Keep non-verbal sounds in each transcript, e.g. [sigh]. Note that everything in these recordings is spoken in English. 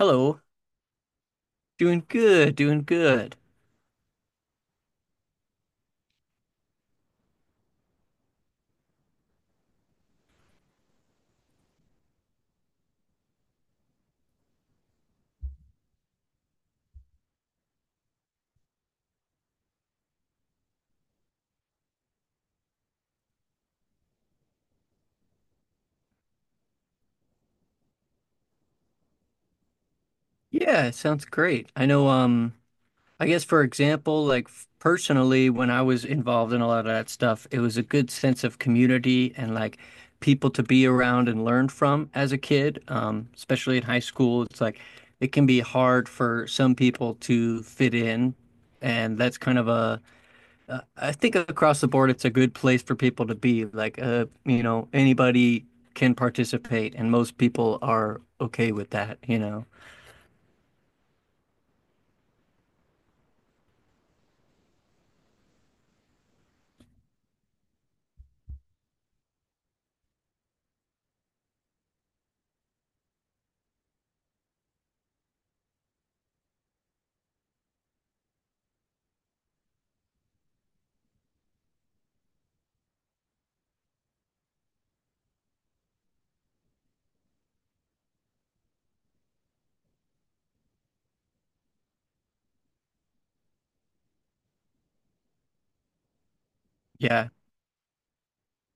Hello, doing good, doing good. Yeah, it sounds great. I know, I guess for example, like personally, when I was involved in a lot of that stuff, it was a good sense of community and like people to be around and learn from as a kid, especially in high school. It's like it can be hard for some people to fit in, and that's kind of a I think across the board, it's a good place for people to be. Like, anybody can participate, and most people are okay with that. Yeah,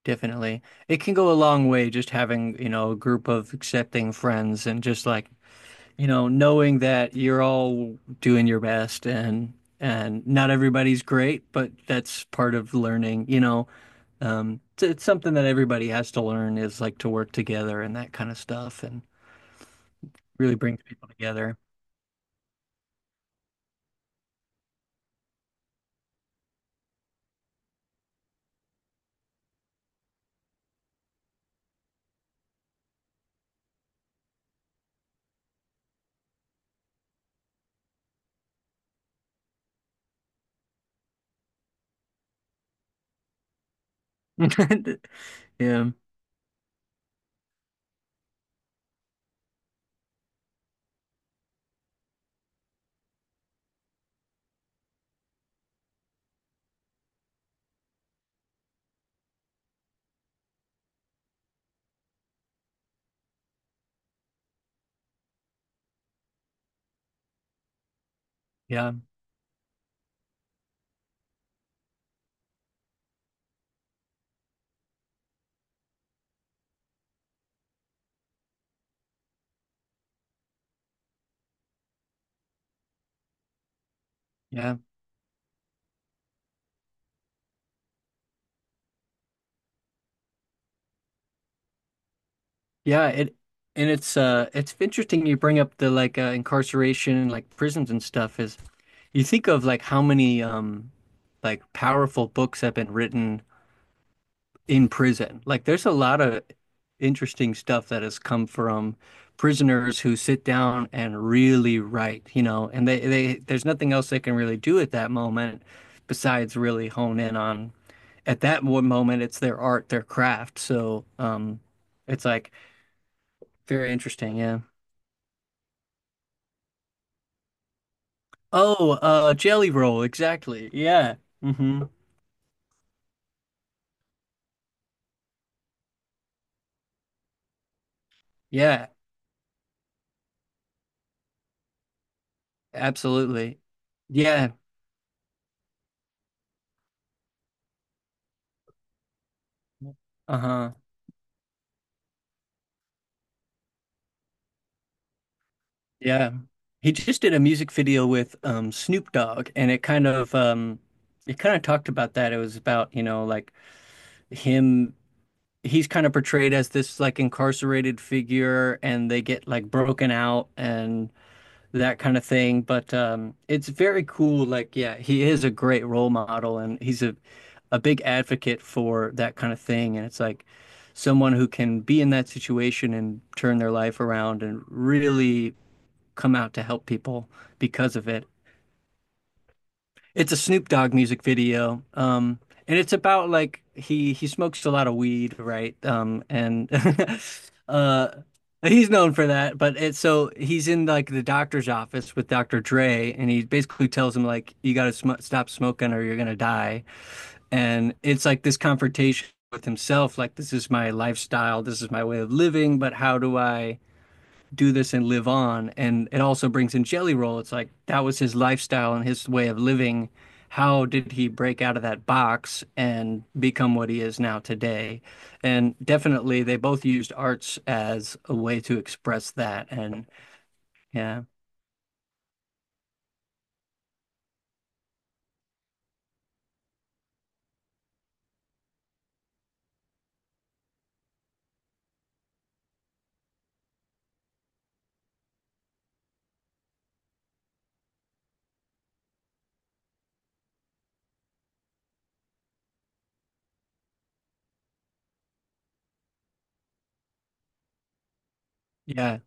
definitely. It can go a long way just having, a group of accepting friends and just like, knowing that you're all doing your best and not everybody's great, but that's part of learning. It's something that everybody has to learn is like to work together and that kind of stuff and really brings people together. [laughs] Yeah, yeah, yeah, yeah. It's interesting you bring up the like incarceration and like prisons and stuff is you think of like how many like powerful books have been written in prison. Like there's a lot of interesting stuff that has come from prisoners who sit down and really write, you know, and they there's nothing else they can really do at that moment besides really hone in on at that moment it's their art, their craft. So it's like very interesting, yeah. Oh, Jelly Roll, exactly. Yeah. hmm Yeah, absolutely. Yeah. Uh-huh. Yeah. He just did a music video with Snoop Dogg and it kind of talked about that. It was about, you know, like him he's kind of portrayed as this like incarcerated figure and they get like broken out and that kind of thing. But it's very cool. Like, yeah, he is a great role model and he's a big advocate for that kind of thing. And it's like someone who can be in that situation and turn their life around and really come out to help people because of it. It's a Snoop Dogg music video. And it's about like he smokes a lot of weed, right? And [laughs] uh he's known for that, but it's so he's in like the doctor's office with Dr. Dre and he basically tells him like you got to sm stop smoking or you're gonna die. And it's like this confrontation with himself, like this is my lifestyle, this is my way of living, but how do I do this and live on. And it also brings in Jelly Roll. It's like that was his lifestyle and his way of living. How did he break out of that box and become what he is now today? And definitely, they both used arts as a way to express that. And yeah, yeah,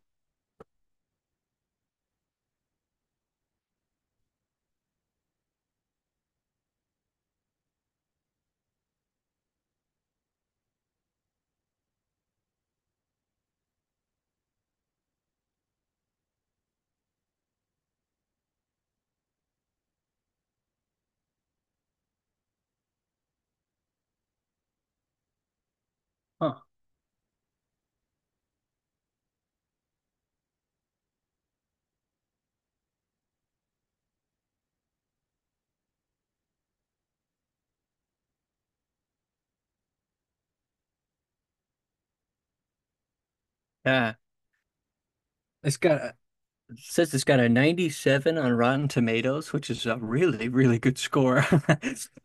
huh, yeah. It's got a, it says it's got a 97 on Rotten Tomatoes, which is a really, really good score. [laughs]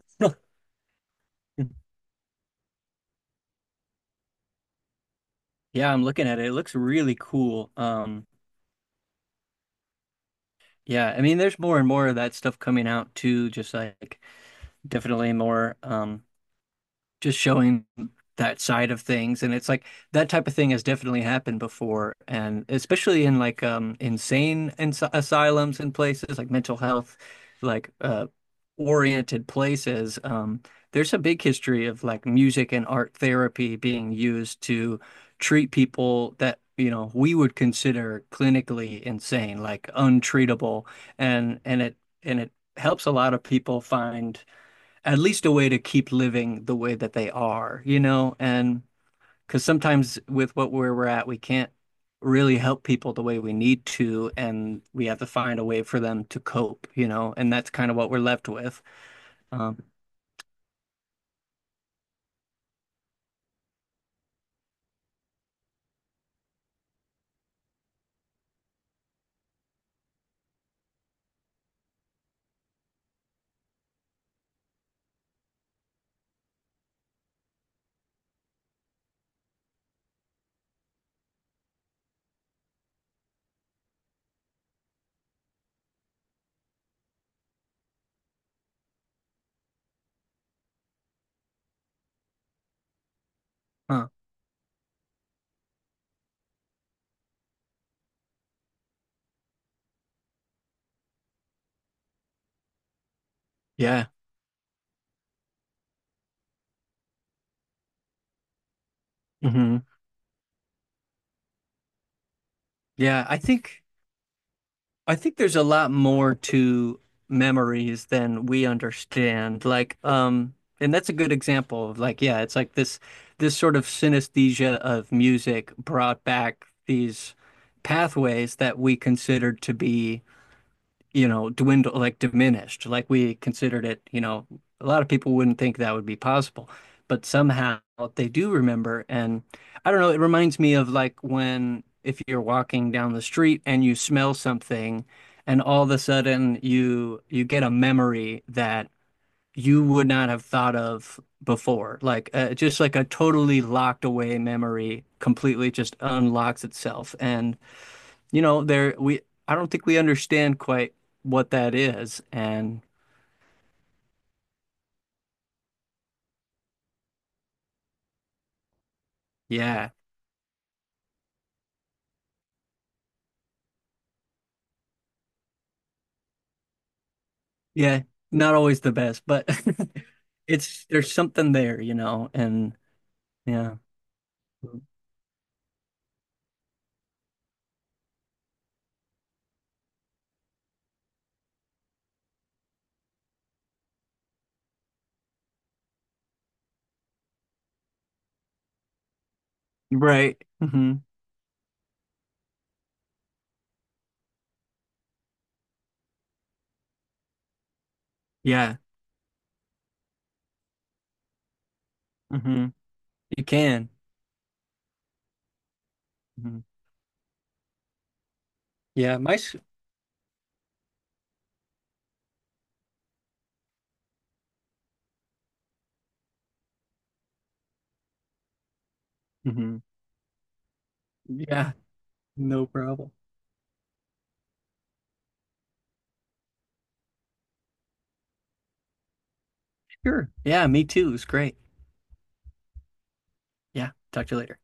Yeah, I'm looking at it. It looks really cool. Yeah, I mean, there's more and more of that stuff coming out too, just like definitely more just showing that side of things and it's like that type of thing has definitely happened before and especially in like insane ins asylums and places like mental health like oriented places there's a big history of like music and art therapy being used to treat people that you know we would consider clinically insane like untreatable and it helps a lot of people find at least a way to keep living the way that they are, you know? And because sometimes with what where we're at, we can't really help people the way we need to, and we have to find a way for them to cope, you know? And that's kind of what we're left with. Um, huh. Yeah. hmm Yeah, I think. I think there's a lot more to memories than we understand. Like, and that's a good example of like, yeah, it's like this sort of synesthesia of music brought back these pathways that we considered to be you know, dwindled, like diminished, like we considered it, you know, a lot of people wouldn't think that would be possible, but somehow they do remember. And I don't know, it reminds me of like when if you're walking down the street and you smell something and all of a sudden you get a memory that you would not have thought of before, like just like a totally locked away memory completely just unlocks itself. And you know, there we I don't think we understand quite what that is. And yeah, yeah, not always the best, but [laughs] it's there's something there, you know, and yeah. Right. hmm Yeah. hmm You can. Hmm Yeah, my. Hmm Yeah, no problem. Sure. Yeah, me too. It's great. Yeah, talk to you later.